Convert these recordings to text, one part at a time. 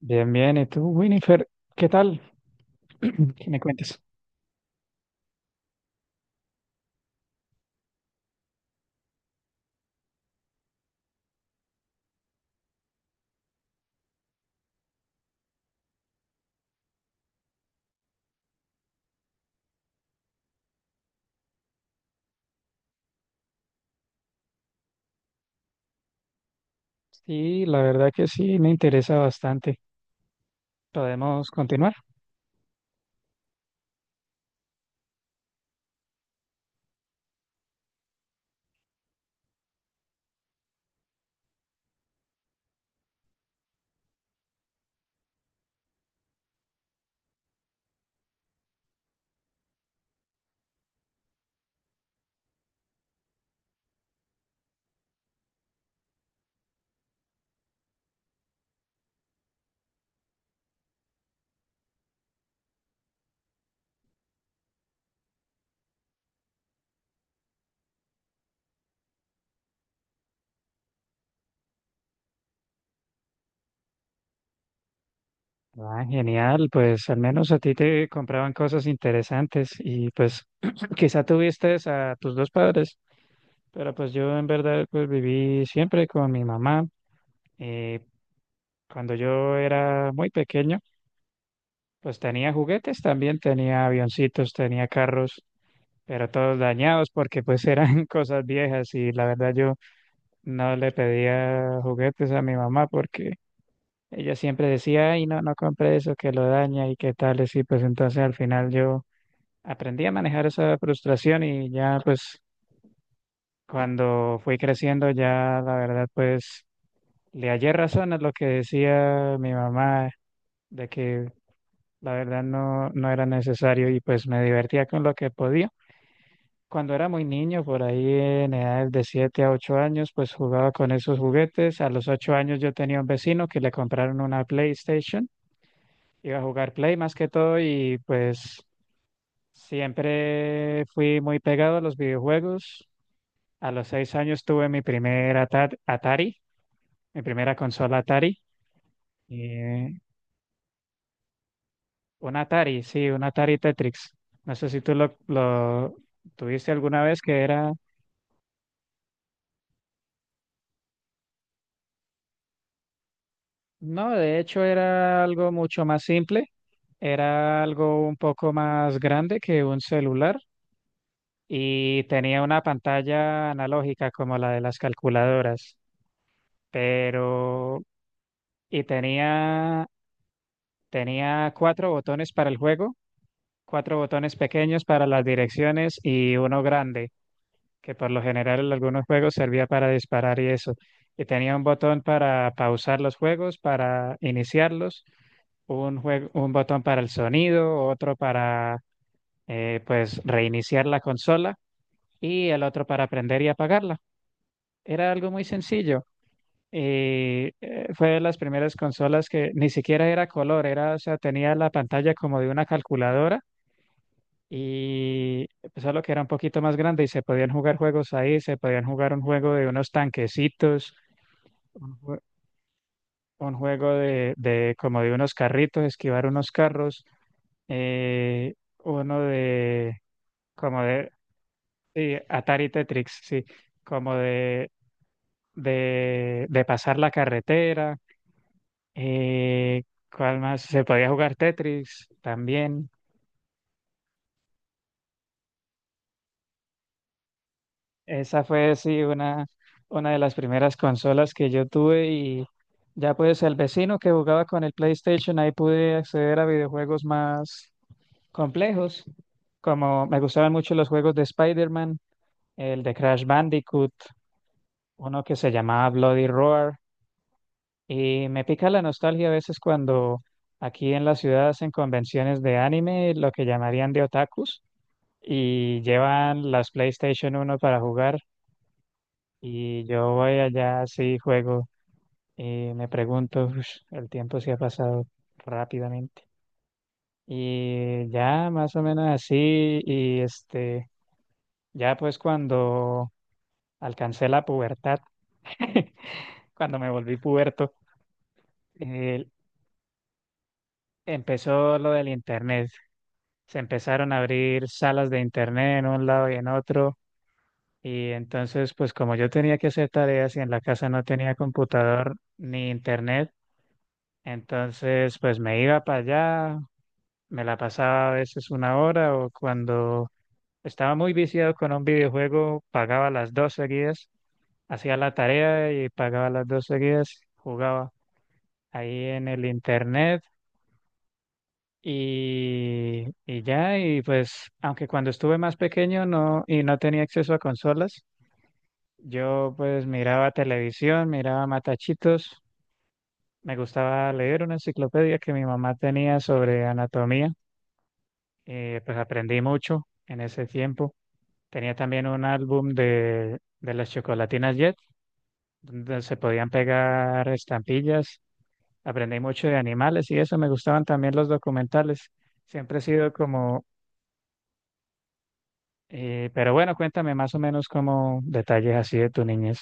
Bien, bien. ¿Y tú, Winifred? ¿Qué tal? ¿Qué me cuentas? Sí, la verdad que sí, me interesa bastante. ¿Podemos continuar? Ah, genial. Pues al menos a ti te compraban cosas interesantes y pues quizá tuviste a tus dos padres, pero pues yo en verdad pues viví siempre con mi mamá. Y cuando yo era muy pequeño, pues tenía juguetes también, tenía avioncitos, tenía carros, pero todos dañados porque pues eran cosas viejas y la verdad yo... No le pedía juguetes a mi mamá porque ella siempre decía, ay, no, no compre eso, que lo daña y qué tal. Y pues entonces al final yo aprendí a manejar esa frustración y ya pues cuando fui creciendo ya la verdad pues le hallé razón a lo que decía mi mamá de que la verdad no, no era necesario y pues me divertía con lo que podía. Cuando era muy niño, por ahí en edades de 7 a 8 años, pues jugaba con esos juguetes. A los 8 años yo tenía un vecino que le compraron una PlayStation. Iba a jugar Play más que todo y pues siempre fui muy pegado a los videojuegos. A los 6 años tuve mi primer Atari, mi primera consola Atari. Eh, un Atari, sí, un Atari Tetrix. No sé si tú lo tuviste alguna vez, que era... No, de hecho era algo mucho más simple, era algo un poco más grande que un celular y tenía una pantalla analógica como la de las calculadoras, pero y tenía cuatro botones para el juego, cuatro botones pequeños para las direcciones y uno grande que por lo general en algunos juegos servía para disparar y eso. Y tenía un botón para pausar los juegos, para iniciarlos un juego, un botón para el sonido, otro para pues reiniciar la consola y el otro para prender y apagarla. Era algo muy sencillo. Y fue de las primeras consolas que ni siquiera era color, era, o sea, tenía la pantalla como de una calculadora y pues, solo que era un poquito más grande y se podían jugar juegos ahí, se podían jugar un juego de unos tanquecitos, un, jue- un juego de como de unos carritos, esquivar unos carros, eh, uno de, como de, sí, Atari Tetris, sí, como de pasar la carretera, eh, ¿cuál más? Se podía jugar Tetris también. Esa fue, sí, una, de las primeras consolas que yo tuve. Y ya pues el vecino que jugaba con el PlayStation, ahí pude acceder a videojuegos más complejos, como me gustaban mucho los juegos de Spider-Man, el de Crash Bandicoot. Uno que se llamaba Bloody Roar y me pica la nostalgia a veces cuando aquí en la ciudad hacen convenciones de anime, lo que llamarían de otakus, y llevan las PlayStation 1 para jugar y yo voy allá así juego y me pregunto: "Ush, el tiempo se ha pasado rápidamente". Y ya más o menos así. Y este, ya pues cuando alcancé la pubertad, cuando me volví puberto, eh, empezó lo del internet. Se empezaron a abrir salas de internet en un lado y en otro. Y entonces, pues como yo tenía que hacer tareas y en la casa no tenía computador ni internet, entonces pues me iba para allá, me la pasaba a veces una hora o cuando estaba muy viciado con un videojuego, pagaba las dos seguidas, hacía la tarea y pagaba las dos seguidas, jugaba ahí en el internet. Y ya, y pues, aunque cuando estuve más pequeño no, y no tenía acceso a consolas, yo pues miraba televisión, miraba matachitos, me gustaba leer una enciclopedia que mi mamá tenía sobre anatomía, pues aprendí mucho en ese tiempo. Tenía también un álbum de las chocolatinas Jet, donde se podían pegar estampillas, aprendí mucho de animales y eso, me gustaban también los documentales. Siempre he sido como... Pero bueno, cuéntame más o menos como detalles así de tu niñez.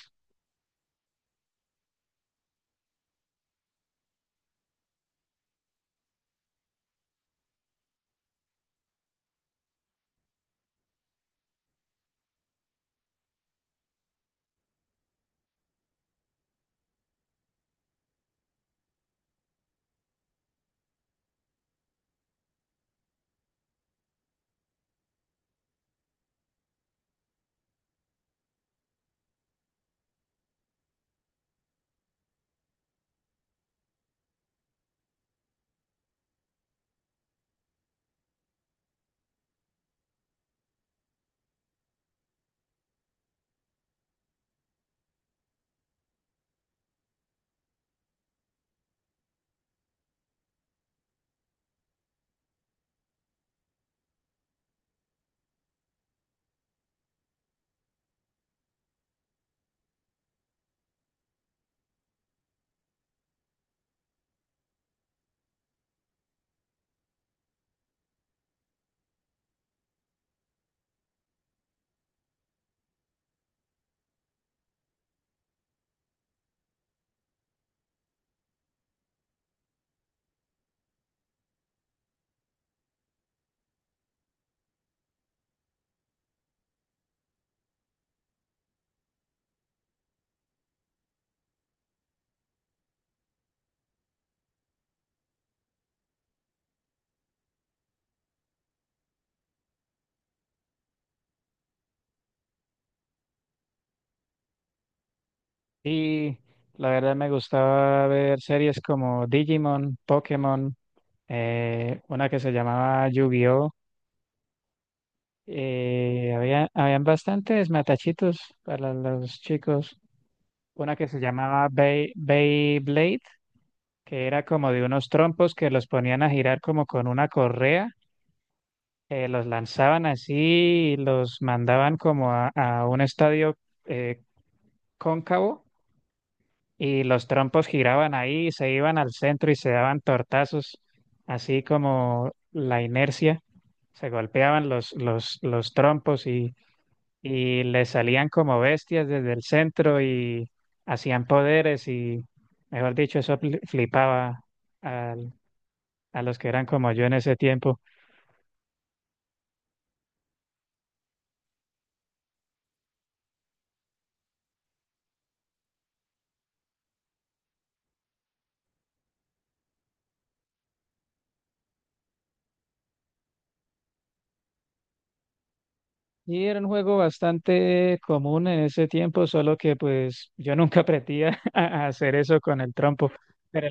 Y la verdad me gustaba ver series como Digimon, Pokémon, una que se llamaba Yu-Gi-Oh! Habían bastantes matachitos para los chicos. Una que se llamaba Beyblade, que era como de unos trompos que los ponían a girar como con una correa, los lanzaban así y los mandaban como a un estadio, eh, cóncavo, y los trompos giraban ahí, se iban al centro y se daban tortazos, así como la inercia, se golpeaban los trompos y les salían como bestias desde el centro y hacían poderes y, mejor dicho, eso flipaba al- a los que eran como yo en ese tiempo. Y era un juego bastante común en ese tiempo, solo que pues yo nunca aprendí a hacer eso con el trompo. Pero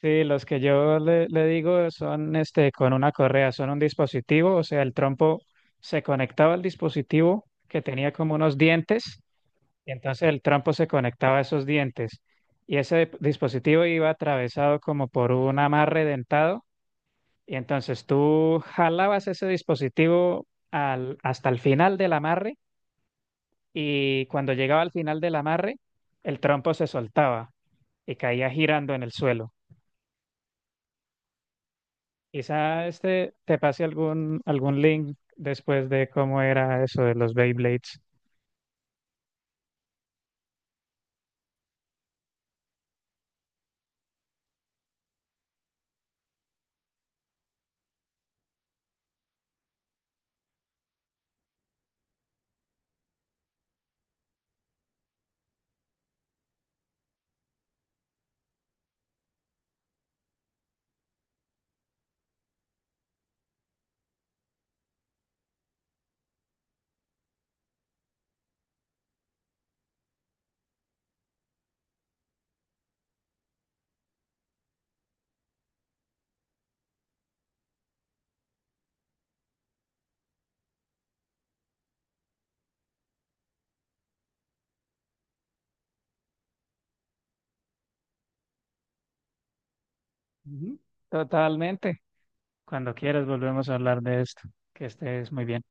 sí, los que yo le digo son este con una correa, son un dispositivo, o sea, el trompo se conectaba al dispositivo que tenía como unos dientes, y entonces el trompo se conectaba a esos dientes, y ese dispositivo iba atravesado como por un amarre dentado, y entonces tú jalabas ese dispositivo al, hasta el final del amarre, y cuando llegaba al final del amarre, el trompo se soltaba y caía girando en el suelo. Quizá este te pase algún link después de cómo era eso de los Beyblades. Ujú. Totalmente. Cuando quieras volvemos a hablar de esto. Que estés muy bien.